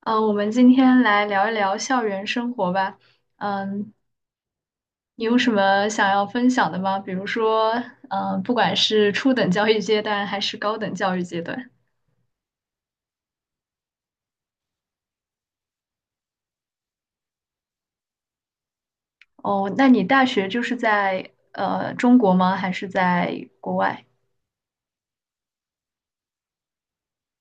嗯，我们今天来聊一聊校园生活吧。嗯，你有什么想要分享的吗？比如说，不管是初等教育阶段还是高等教育阶段。哦，那你大学就是在中国吗？还是在国外？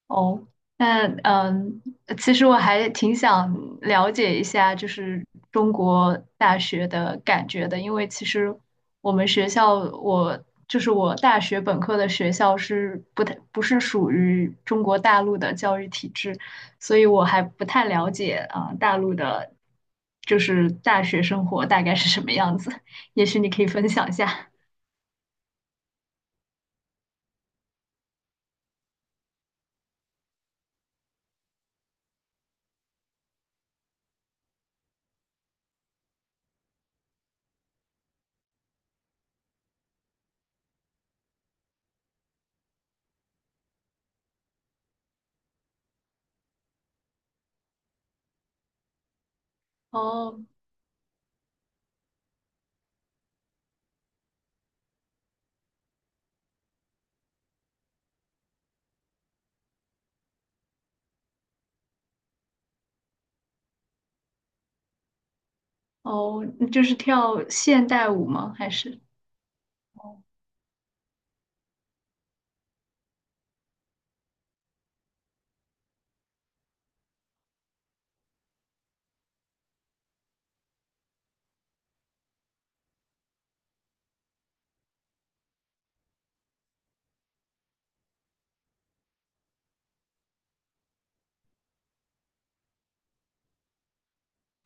哦，那其实我还挺想了解一下，就是中国大学的感觉的，因为其实我们学校，我就是我大学本科的学校不是属于中国大陆的教育体制，所以我还不太了解啊，大陆的，就是大学生活大概是什么样子，也许你可以分享一下。哦哦，就是跳现代舞吗？还是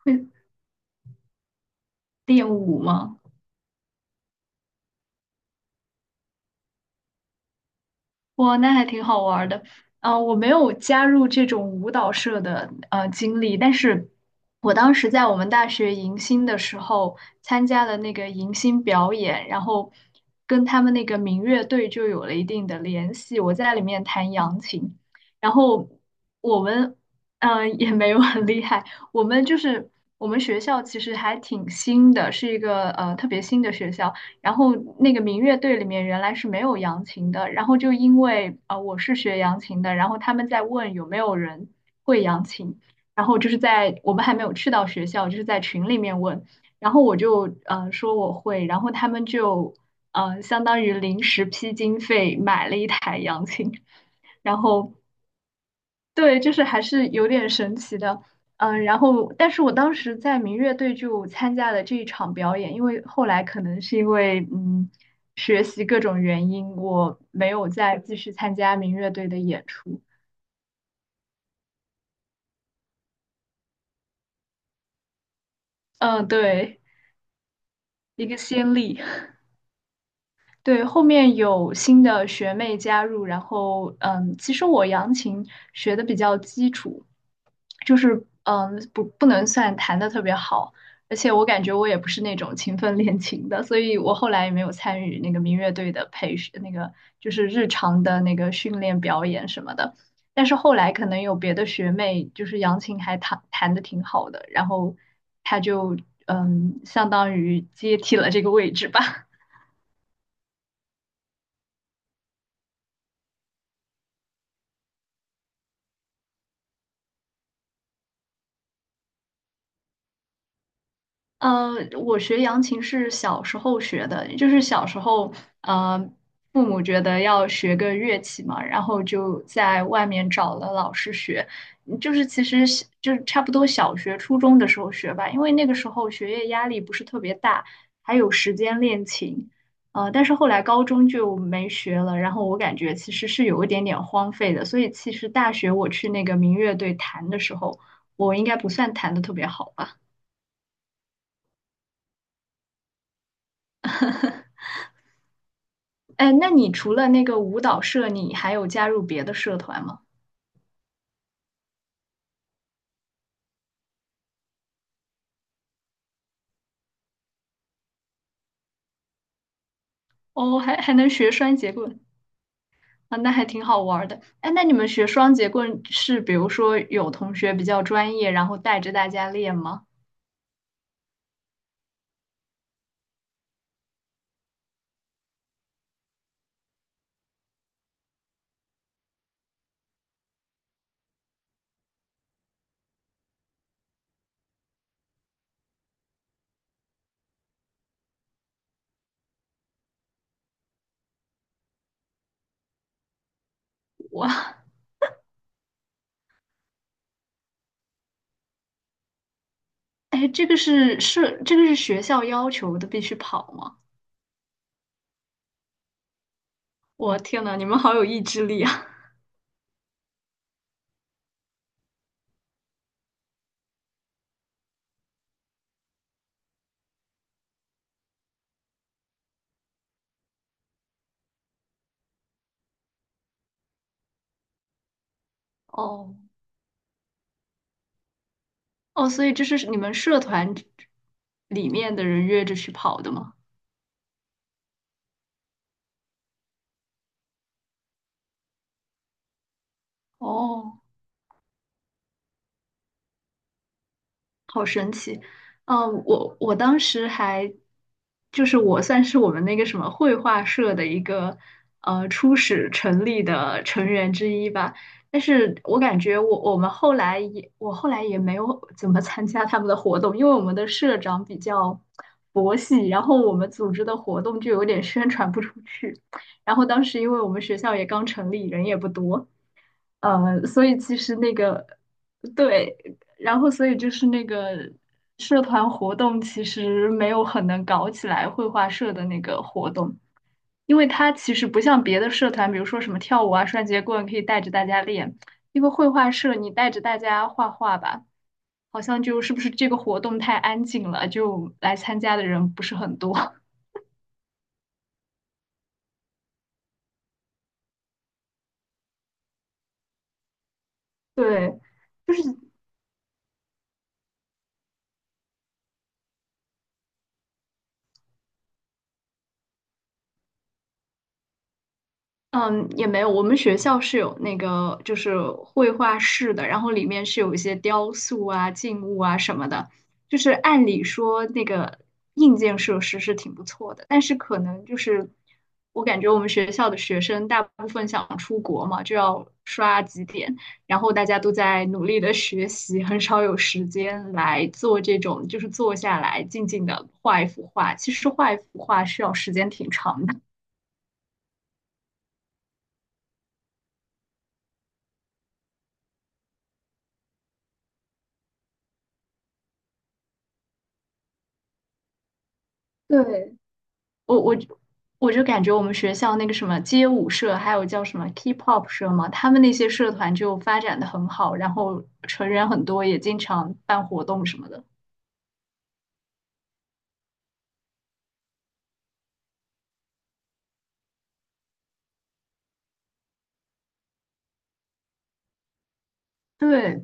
会练舞吗？哇，那还挺好玩儿的。嗯，我没有加入这种舞蹈社的经历，但是我当时在我们大学迎新的时候参加了那个迎新表演，然后跟他们那个民乐队就有了一定的联系。我在里面弹扬琴，然后我们嗯也没有很厉害，我们就是我们学校其实还挺新的，是一个特别新的学校。然后那个民乐队里面原来是没有扬琴的，然后就因为我是学扬琴的，然后他们在问有没有人会扬琴，然后就是在我们还没有去到学校，就是在群里面问，然后我就说我会，然后他们就相当于临时批经费买了一台扬琴，然后对，就是还是有点神奇的，但是我当时在民乐队就参加了这一场表演，因为后来可能是因为学习各种原因，我没有再继续参加民乐队的演出，嗯，对，一个先例，对，后面有新的学妹加入，其实我扬琴学的比较基础，就是不能算弹的特别好，而且我感觉我也不是那种勤奋练琴的，所以我后来也没有参与那个民乐队的培训，那个就是日常的那个训练表演什么的。但是后来可能有别的学妹，就是杨琴弹的挺好的，然后她就相当于接替了这个位置吧。呃，我学扬琴是小时候学的，就是小时候，呃，父母觉得要学个乐器嘛，然后就在外面找了老师学，就是其实是就是差不多小学、初中的时候学吧，因为那个时候学业压力不是特别大，还有时间练琴，但是后来高中就没学了，然后我感觉其实是有一点点荒废的，所以其实大学我去那个民乐队弹的时候，我应该不算弹的特别好吧。哎，那你除了那个舞蹈社，你还有加入别的社团吗？哦，还能学双节棍啊，那还挺好玩儿的。哎，那你们学双节棍是，比如说有同学比较专业，然后带着大家练吗？哇，哎，这个是学校要求的，必须跑吗？我天呐，你们好有意志力啊！哦 哦，所以这是你们社团里面的人约着去跑的吗？哦。好神奇，嗯，我当时还就是我算是我们那个什么绘画社的一个初始成立的成员之一吧，但是我感觉我后来也没有怎么参加他们的活动，因为我们的社长比较佛系，然后我们组织的活动就有点宣传不出去，然后当时因为我们学校也刚成立，人也不多。所以其实那个对，然后所以就是那个社团活动其实没有很能搞起来绘画社的那个活动，因为它其实不像别的社团，比如说什么跳舞啊、双节棍可以带着大家练，因为绘画社你带着大家画画吧，好像就是不是这个活动太安静了，就来参加的人不是很多。对，就是。嗯，也没有。我们学校是有那个就是绘画室的，然后里面是有一些雕塑啊、静物啊什么的。就是按理说那个硬件设施是挺不错的，但是可能就是我感觉我们学校的学生大部分想出国嘛，就要刷几点，然后大家都在努力的学习，很少有时间来做这种就是坐下来静静的画一幅画。其实画一幅画需要时间挺长的。对，我我我就感觉我们学校那个什么街舞社，还有叫什么 K-pop 社嘛，他们那些社团就发展的很好，然后成员很多，也经常办活动什么的。对，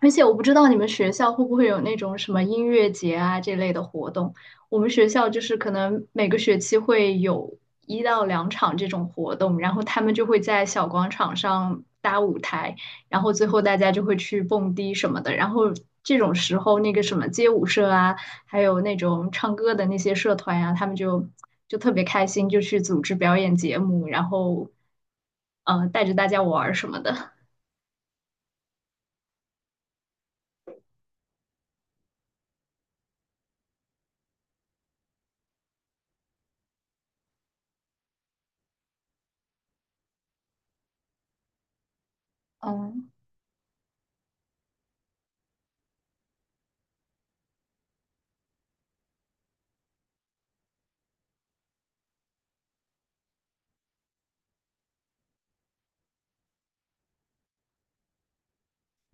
而且我不知道你们学校会不会有那种什么音乐节啊这类的活动。我们学校就是可能每个学期会有一到两场这种活动，然后他们就会在小广场上搭舞台，然后最后大家就会去蹦迪什么的。然后这种时候，那个什么街舞社啊，还有那种唱歌的那些社团啊，他们就就特别开心，就去组织表演节目，然后带着大家玩儿什么的。嗯，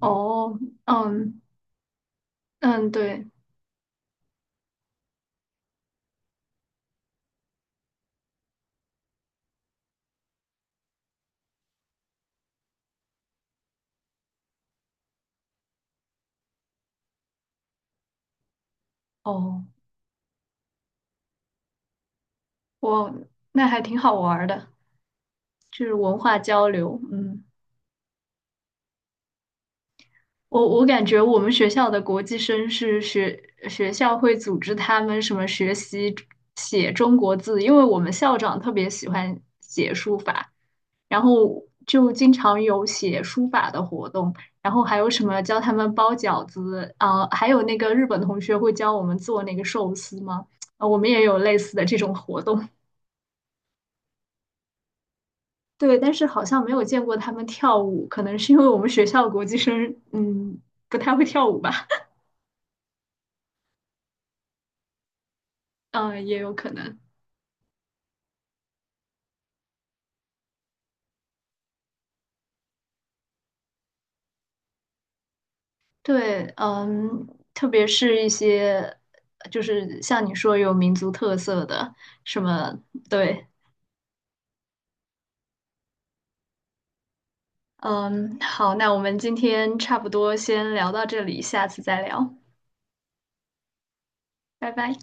哦，嗯，嗯，对，哦，我那还挺好玩儿的，就是文化交流。嗯，我感觉我们学校的国际生是学校会组织他们什么学习写中国字，因为我们校长特别喜欢写书法，然后就经常有写书法的活动，然后还有什么教他们包饺子啊，还有那个日本同学会教我们做那个寿司吗？啊，我们也有类似的这种活动。对，但是好像没有见过他们跳舞，可能是因为我们学校国际生，嗯，不太会跳舞吧，嗯，也有可能。对，嗯，特别是一些就是像你说有民族特色的什么，对，嗯，好，那我们今天差不多先聊到这里，下次再聊，拜拜。